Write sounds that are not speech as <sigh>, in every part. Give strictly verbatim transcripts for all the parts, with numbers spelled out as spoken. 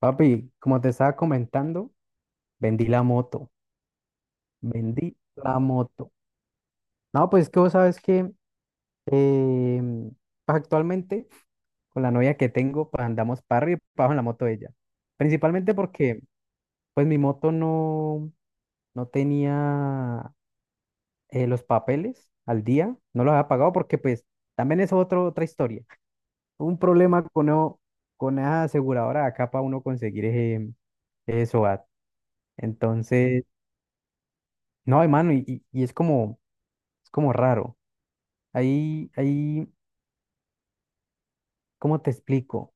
Papi, como te estaba comentando, vendí la moto, vendí la moto. No, pues que vos sabes que eh, pues actualmente con la novia que tengo, pues andamos para arriba y para abajo en la moto de ella. Principalmente porque pues mi moto no, no tenía eh, los papeles al día, no los había pagado porque pues también es otro, otra historia. Un problema con, o- con esa aseguradora de acá para uno conseguir ese, ese SOAT. Entonces, no, hermano, y, y y es como... Es como raro. Ahí, ahí, ¿cómo te explico?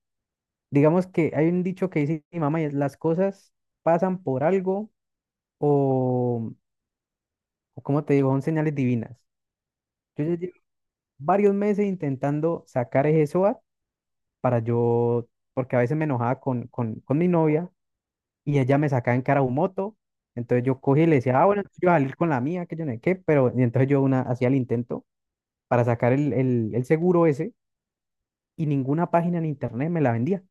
Digamos que hay un dicho que dice mi mamá y es las cosas pasan por algo o, o ¿cómo te digo? Son señales divinas. Yo ya llevo varios meses intentando sacar ese SOAT para yo, porque a veces me enojaba con, con, con mi novia y ella me sacaba en cara un moto. Entonces yo cogí y le decía, ah, bueno, entonces yo voy a salir con la mía, que yo no sé qué, pero y entonces yo una, hacía el intento para sacar el, el, el seguro ese y ninguna página en internet me la vendía.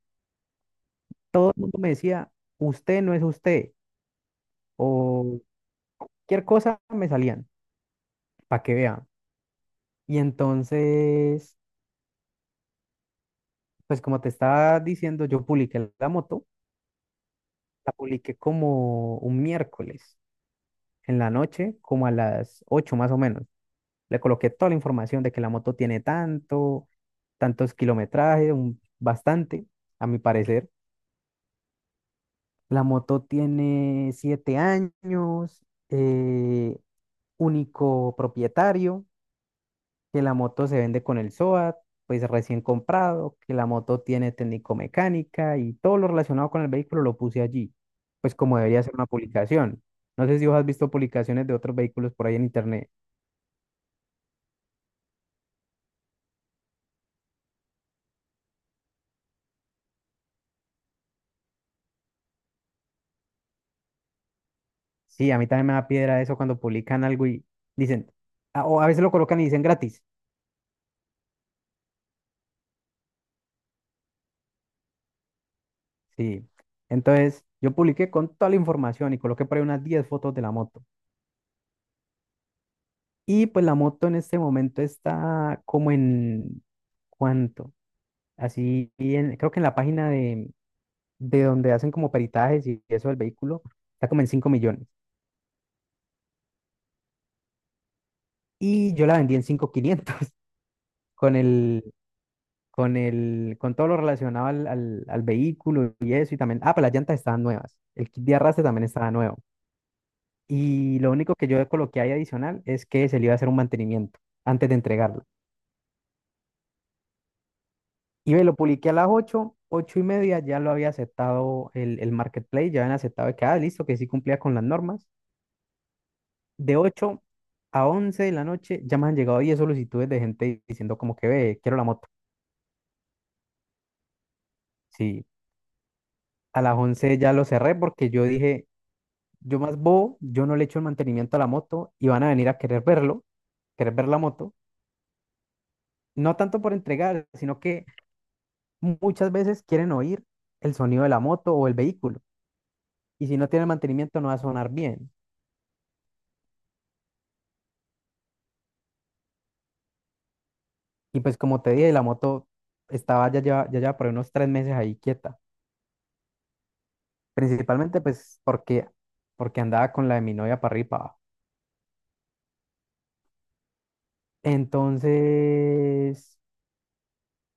Todo el mundo me decía, usted no es usted, o cualquier cosa me salían, para que vean. Y entonces, pues como te estaba diciendo, yo publiqué la moto, la publiqué como un miércoles en la noche, como a las ocho más o menos. Le coloqué toda la información de que la moto tiene tanto, tantos kilometrajes, un- bastante, a mi parecer. La moto tiene siete años, eh, único propietario, que la moto se vende con el SOAT, pues recién comprado, que la moto tiene técnico-mecánica y todo lo relacionado con el vehículo lo puse allí, pues como debería ser una publicación. No sé si vos has visto publicaciones de otros vehículos por ahí en internet. Sí, a mí también me da piedra eso cuando publican algo y dicen, a- o a veces lo colocan y dicen gratis. Sí, entonces yo publiqué con toda la información y coloqué por ahí unas diez fotos de la moto. Y pues la moto en este momento está como en... ¿Cuánto? Así, en- creo que en la página de, de donde hacen como peritajes y eso del vehículo, está como en cinco millones. Y yo la vendí en cinco mil quinientos <laughs> con el, con el, con todo lo relacionado al, al, al vehículo y eso. Y también, ah, pero las llantas estaban nuevas. El kit de arrastre también estaba nuevo. Y lo único que yo coloqué ahí adicional es que se le iba a hacer un mantenimiento antes de entregarlo. Y me lo publiqué a las ocho ocho y media, ya lo había aceptado el, el marketplace, ya habían aceptado que, ah, listo, que sí cumplía con las normas. De ocho a once de la noche ya me han llegado diez solicitudes de gente diciendo como que ve, quiero la moto. Sí, a las once ya lo cerré porque yo dije, yo más bobo, yo no le echo el mantenimiento a la moto y van a venir a querer verlo, querer ver la moto. No tanto por entregar, sino que muchas veces quieren oír el sonido de la moto o el vehículo. Y si no tiene mantenimiento no va a sonar bien. Y pues como te dije, la moto estaba ya, ya, ya, lleva por ahí unos tres meses ahí quieta. Principalmente pues porque, porque andaba con la de mi novia para arriba. Entonces,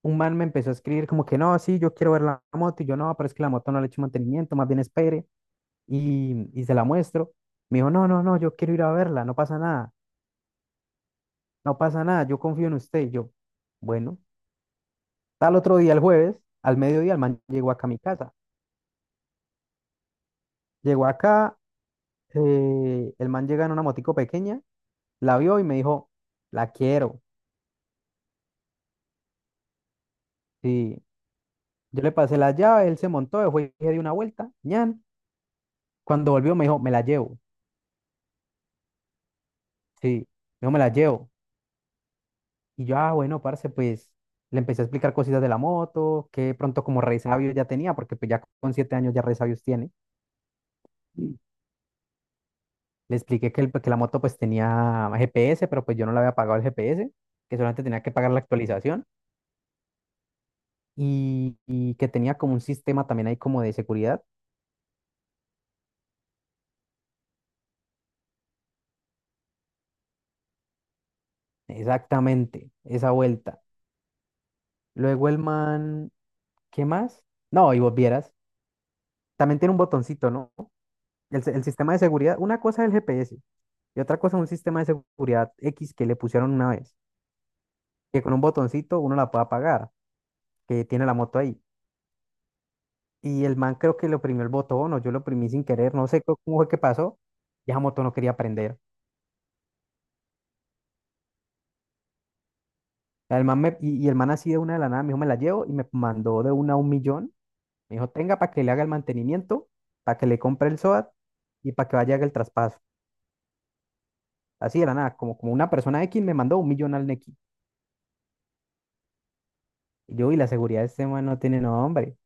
un man me empezó a escribir como que no, sí, yo quiero ver la moto. Y yo no, pero es que la moto no le he hecho mantenimiento, más bien espere. Y, y se la muestro. Me dijo, no, no, no, yo quiero ir a verla, no pasa nada, no pasa nada, yo confío en usted. Y yo, bueno, tal otro día, el jueves, al mediodía, el man llegó acá a mi casa. Llegó acá, eh, el man llega en una motico pequeña, la vio y me dijo, la quiero. Sí, yo le pasé la llave, él se montó, yo fui di una vuelta, ñan. Cuando volvió me dijo, me la llevo. Sí, me dijo, me la llevo. Y yo, ah, bueno, parce, pues le empecé a explicar cositas de la moto, que de pronto como resabios ya tenía, porque pues ya con siete años ya resabios tiene. Mm. Le expliqué que, el- que la moto pues tenía G P S, pero pues yo no le había pagado el G P S, que solamente tenía que pagar la actualización y, y que tenía como un sistema también ahí como de seguridad. Exactamente, esa vuelta. Luego el man, ¿qué más? No, y vos vieras. También tiene un botoncito, ¿no? El, se- el sistema de seguridad, una cosa es el G P S y otra cosa es un sistema de seguridad X que le pusieron una vez, que con un botoncito uno la puede apagar, que tiene la moto ahí. Y el man creo que le oprimió el botón o yo lo oprimí sin querer, no sé co- cómo fue que pasó, y esa moto no quería prender. El man me- y, y el man así de una de la nada me dijo, me la llevo y me mandó de una a un millón. Me dijo, tenga para que le haga el mantenimiento, para que le compre el SOAT y para que vaya a haga el traspaso. Así de la nada, como, como una persona X me mandó un millón al Nequi. Yo, y la seguridad de este man no tiene nombre.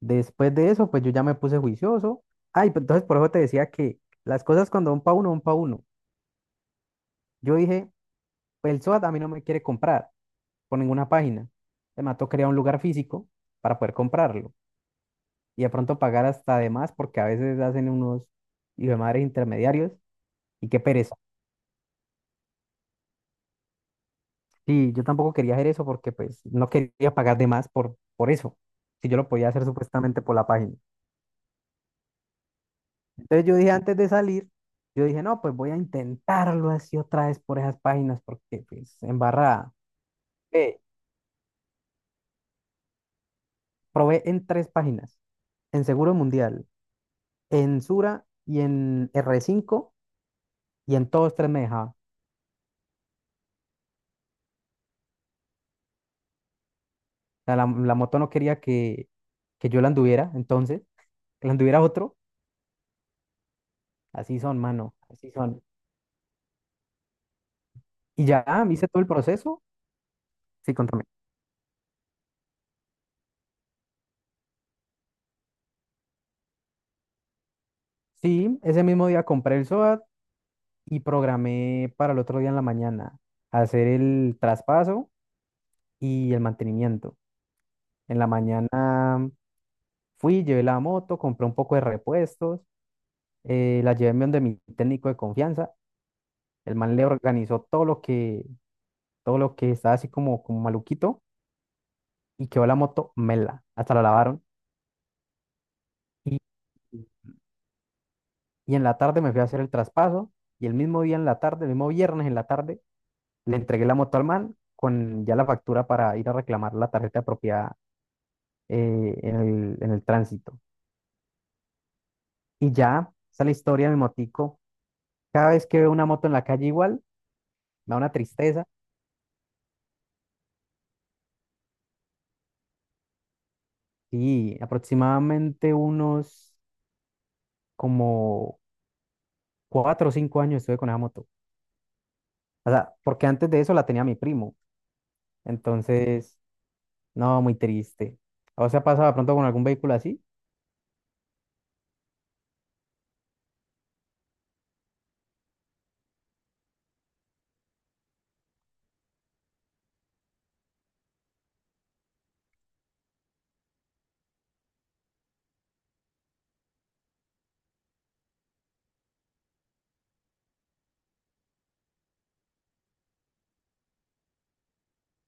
Después de eso, pues yo ya me puse juicioso. Ay, pues entonces por eso te decía que las cosas cuando van pa' uno, van pa' uno. Yo dije, pues el SOAT a mí no me quiere comprar por ninguna página. Me mató, quería un lugar físico para poder comprarlo. Y de pronto pagar hasta de más porque a veces hacen unos hijo de madre intermediarios. Y qué pereza. Sí, yo tampoco quería hacer eso porque pues no quería pagar de más por, por eso. Si yo lo podía hacer supuestamente por la página. Entonces yo dije antes de salir, yo dije, no, pues voy a intentarlo así otra vez por esas páginas, porque pues embarrada. Eh, probé en tres páginas, en Seguro Mundial, en Sura y en r cinco y en todos tres me dejaba. O sea, la, la moto no quería que, que yo la anduviera, entonces, que la anduviera otro. Así son, mano, así son. Y ya ah, me hice todo el proceso. Sí, contame. Sí, ese mismo día compré el SOAT y programé para el otro día en la mañana hacer el traspaso y el mantenimiento. En la mañana fui, llevé la moto, compré un poco de repuestos, eh, la llevé donde mi técnico de confianza. El man le organizó todo lo que, todo lo que estaba así como, como maluquito y quedó la moto mela, hasta la lavaron. Y, y en la tarde me fui a hacer el traspaso y el mismo día en la tarde, el mismo viernes en la tarde, le entregué la moto al man con ya la factura para ir a reclamar la tarjeta de propiedad eh, en el, en el tránsito. Y ya, esa es la historia de mi motico. Cada vez que veo una moto en la calle igual, me da una tristeza. Y aproximadamente unos como cuatro o cinco años estuve con esa moto. O sea, porque antes de eso la tenía mi primo. Entonces, no, muy triste. ¿O se ha pasado de pronto con algún vehículo así?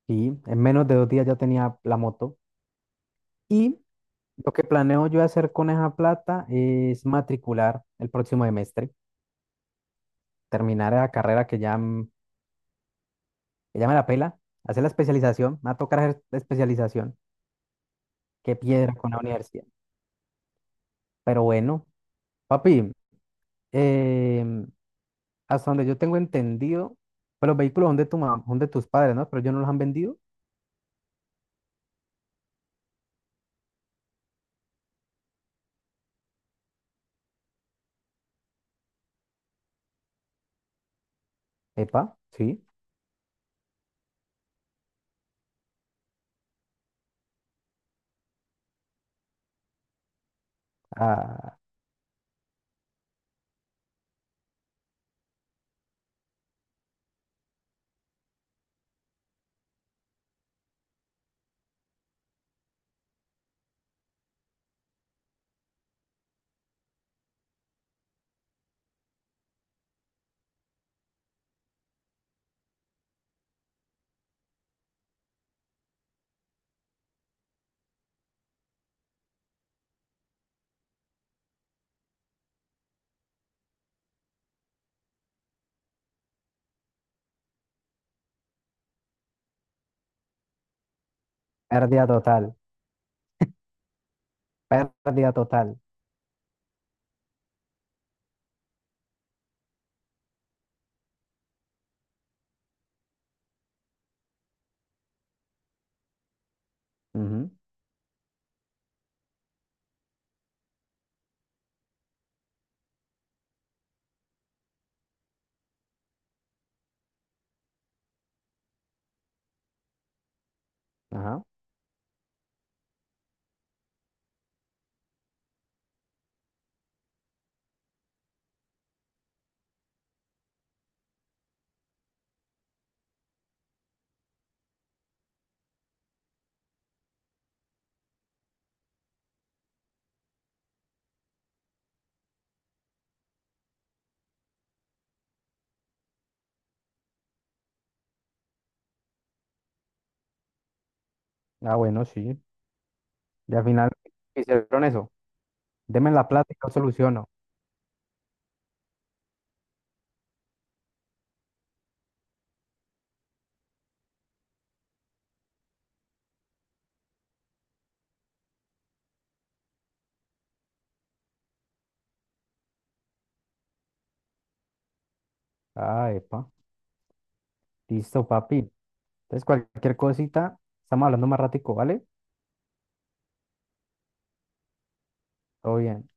Y en menos de dos días ya tenía la moto. Y lo que planeo yo hacer con esa plata es matricular el próximo semestre, terminar la carrera que ya, m- que ya me la pela, hacer la especialización, me va a tocar hacer especialización. Qué piedra con la universidad. Pero bueno, papi, em, hasta donde yo tengo entendido, pues los vehículos son de tu mam- son de tus padres, ¿no? Pero ellos no los han vendido. Epa, sí. Ah, pérdida total. Pérdida total. Ujú. Ajá. Ah, bueno, sí. Y al final hicieron eso. Deme la plata y yo soluciono. Ah, epa. Listo, papi. Entonces, cualquier cosita, estamos hablando más ratico, ¿vale? Todo bien.